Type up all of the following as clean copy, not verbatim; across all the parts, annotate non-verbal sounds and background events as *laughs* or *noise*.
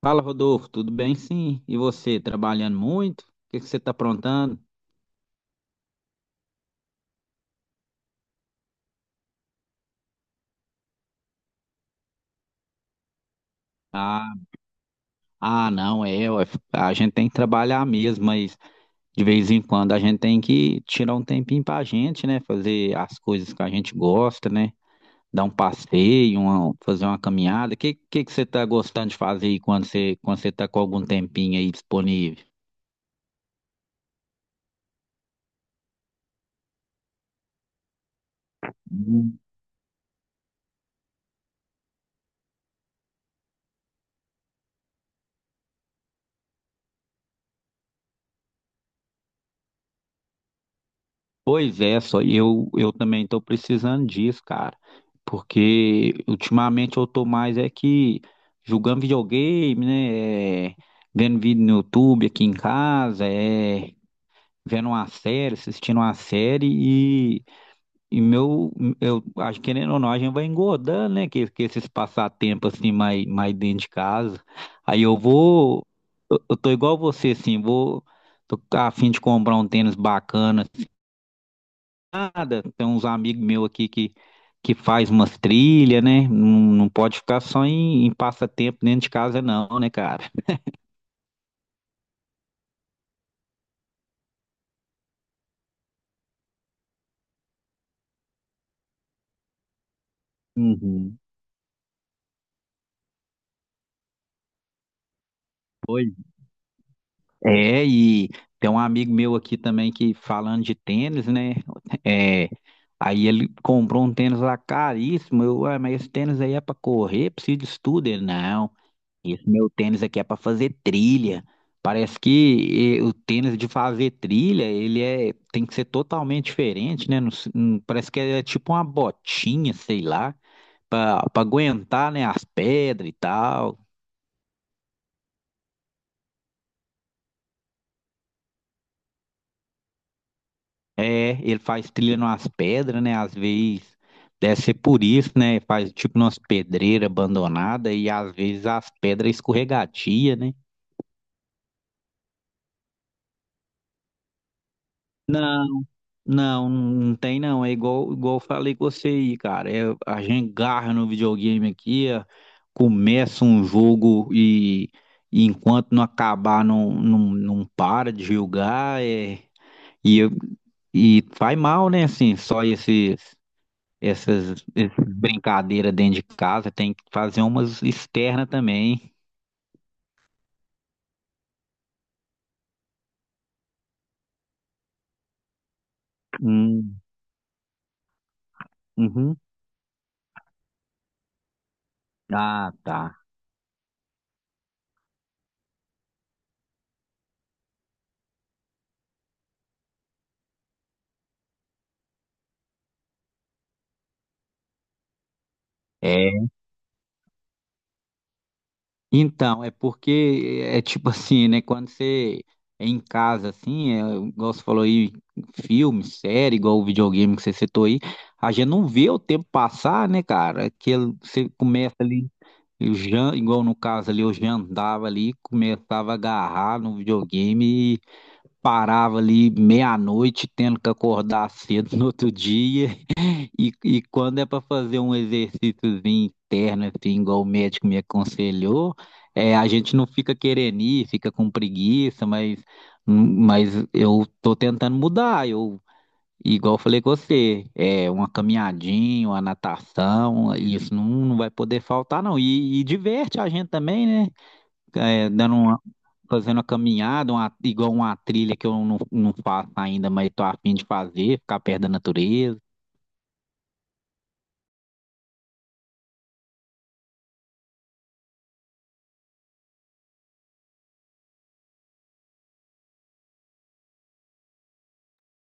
Fala, Rodolfo, tudo bem? Sim. E você, trabalhando muito? O que você está aprontando? Ah, ah, não, é, ué, A gente tem que trabalhar mesmo, mas de vez em quando a gente tem que tirar um tempinho pra gente, né? Fazer as coisas que a gente gosta, né? Dar um passeio, fazer uma caminhada. O que você está gostando de fazer aí quando você tá com algum tempinho aí disponível? Pois é, só eu também estou precisando disso, cara. Porque ultimamente eu tô mais é que jogando videogame, né? Vendo vídeo no YouTube aqui em casa, é, vendo uma série, assistindo uma série e, e meu, eu acho que querendo ou não, a gente vai engordando, né? Que esses passatempos assim mais dentro de casa. Aí eu vou, eu tô igual você, assim, tô a fim de comprar um tênis bacana nada. Tem uns amigos meus aqui que faz umas trilhas, né? Não, não pode ficar só em passatempo dentro de casa, não, né, cara? Uhum. Pois. É, e tem um amigo meu aqui também que falando de tênis, né? É, aí ele comprou um tênis lá caríssimo. Eu, "Ué, mas esse tênis aí é pra correr, precisa de estudo." Ele, não. Esse meu tênis aqui é para fazer trilha. Parece que o tênis de fazer trilha, tem que ser totalmente diferente, né? Parece que é tipo uma botinha, sei lá, para aguentar, né, as pedras e tal. É, ele faz trilha nas pedras, né? Às vezes deve ser por isso, né? Faz tipo umas pedreiras abandonadas e às vezes as pedras escorregadias, né? Não, não tem não. É igual eu falei com você aí, cara. É, a gente garra no videogame aqui, é, começa um jogo e enquanto não acabar, não para de jogar. É, e, eu- e faz mal, né? Assim, essas, essas brincadeiras dentro de casa. Tem que fazer umas externas também. Hum, uhum. Ah, tá. É, então, é porque é tipo *laughs* assim, né? Quando você é em casa, assim, é, igual você falou aí, filme, série, igual o videogame que você citou aí, a gente não vê o tempo passar, né, cara? Que ele- você começa ali, igual no caso ali, eu já andava ali, começava a agarrar no videogame e parava ali meia-noite, tendo que acordar *laughs* cedo no outro dia. E quando é para fazer um exercíciozinho interno, assim, igual o médico me aconselhou, é, a gente não fica querendo ir, fica com preguiça, mas eu tô tentando mudar. Igual eu falei com você, é uma caminhadinha, uma natação, isso não vai poder faltar, não. E diverte a gente também, né? É, fazendo uma caminhada, igual uma trilha que eu não faço ainda, mas tô a fim de fazer, ficar perto da natureza.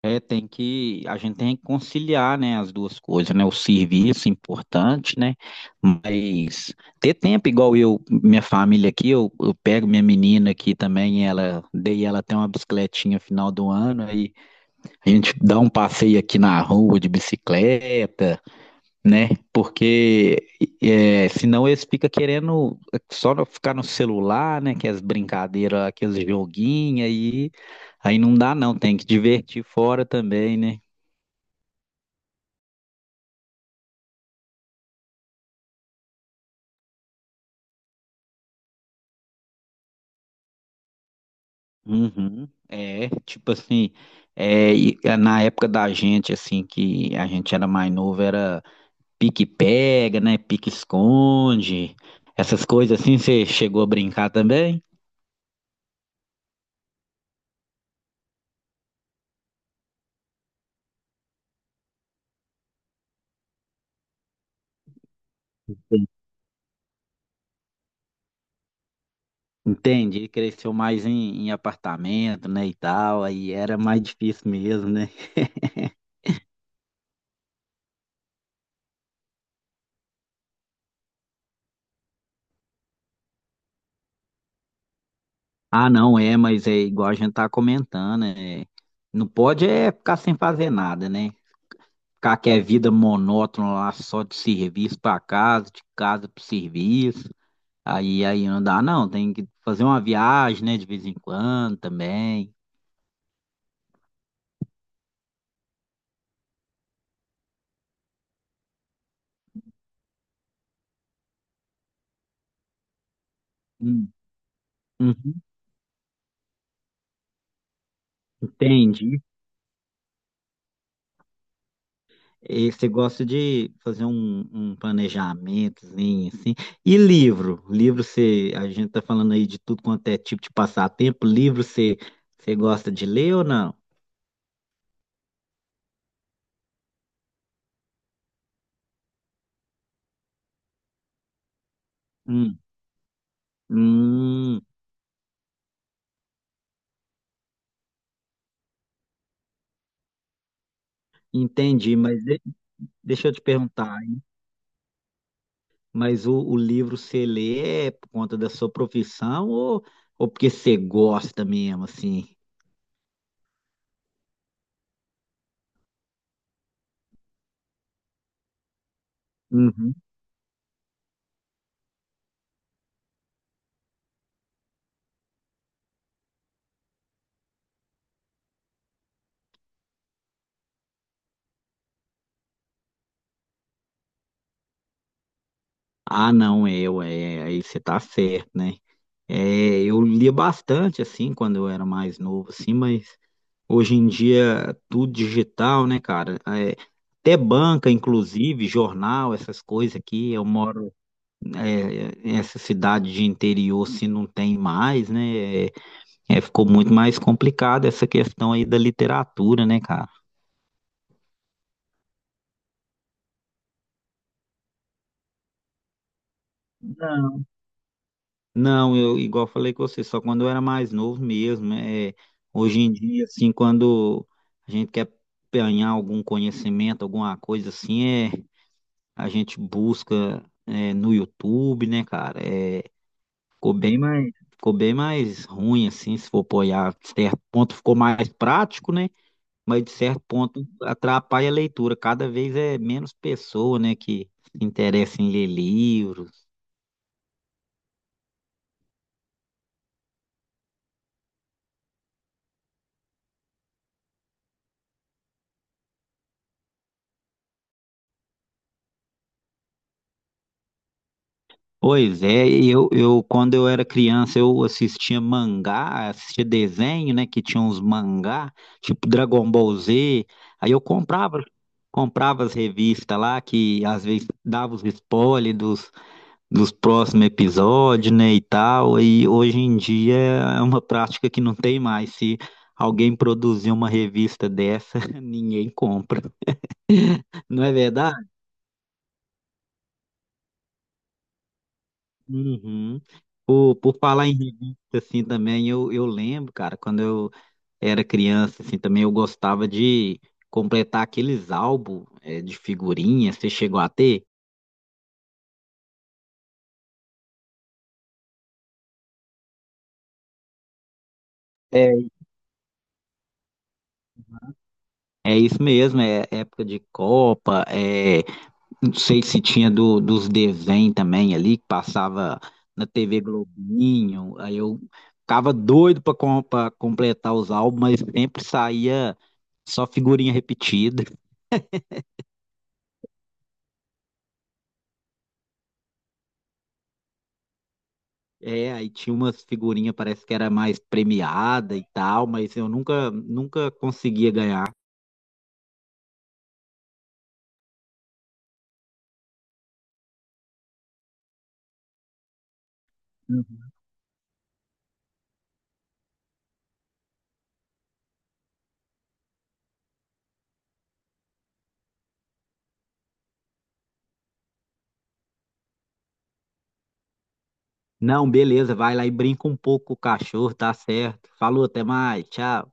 É, a gente tem que conciliar, né, as duas coisas, né, o serviço importante, né, mas ter tempo minha família aqui, eu pego minha menina aqui também, ela, dei ela até uma bicicletinha final do ano, aí a gente dá um passeio aqui na rua de bicicleta, né, porque é, senão eles ficam querendo só no- ficar no celular, né, que as brincadeiras, aqueles joguinhos aí, aí não dá não, tem que divertir fora também, né. Uhum, é, tipo assim, é, na época da gente, assim, que a gente era mais novo, era pique-pega, né, pique-esconde, essas coisas assim, você chegou a brincar também? Sim. Entende? Ele cresceu mais em apartamento, né, e tal, aí era mais difícil mesmo, né? Ah, não, é, mas é igual a gente tá comentando, é, não pode é ficar sem fazer nada, né? Ficar que é vida monótona lá, só de serviço pra casa, de casa pro serviço. Aí não dá, não. Tem que fazer uma viagem, né, de vez em quando também. Hum, uhum, entendi. E você gosta de fazer um planejamentozinho, assim. E livro? Livro você, a gente tá falando aí de tudo quanto é tipo de passatempo. Você gosta de ler ou não? Hum, hum, entendi, mas de- deixa eu te perguntar. Mas o livro você lê é por conta da sua ou porque você gosta mesmo, assim? Uhum. Ah, não, eu, é, aí você tá certo, né? É, eu lia bastante, assim, quando eu era mais novo, assim, mas hoje em dia tudo digital, né, cara? É, até banca, inclusive, jornal, essas coisas aqui, eu moro é, nessa cidade de interior, se não tem mais, né? É, ficou muito mais complicado essa questão aí da literatura, né, cara? Não, eu igual falei com você, só quando eu era mais novo mesmo. É, hoje em dia, assim, quando a gente quer ganhar algum conhecimento, alguma coisa assim, é, a gente busca é, no YouTube, né, cara? É, ficou bem mais ruim, assim, se for apoiar. De certo ponto ficou mais prático, né? Mas de certo ponto atrapalha a leitura. Cada vez é menos pessoa, né, que se interessa em ler livros. Pois é, eu quando eu era criança eu assistia mangá, assistia desenho, né, que tinha uns mangá, tipo Dragon Ball Z. Aí eu comprava as revistas lá que às vezes dava os spoilers dos próximos episódios, né, e tal. E hoje em dia é uma prática que não tem mais. Se alguém produzir uma revista dessa, *laughs* ninguém compra. Não é uhum. Por falar em revista, assim, também, eu lembro, cara, quando eu era criança, assim, também eu gostava de completar aqueles álbuns, de figurinha, você chegou a ter? É, é isso mesmo, é época de Copa, é, não sei se tinha dos desenhos também ali, que passava na TV Globinho, aí eu ficava doido completar os álbuns, mas sempre saía só figurinha repetida. É, aí tinha umas figurinhas, parece que era mais premiada e tal, mas eu nunca conseguia ganhar. Uhum. Não, beleza, vai lá e brinca um pouco com o cachorro, tá certo. Falou, até mais, tchau.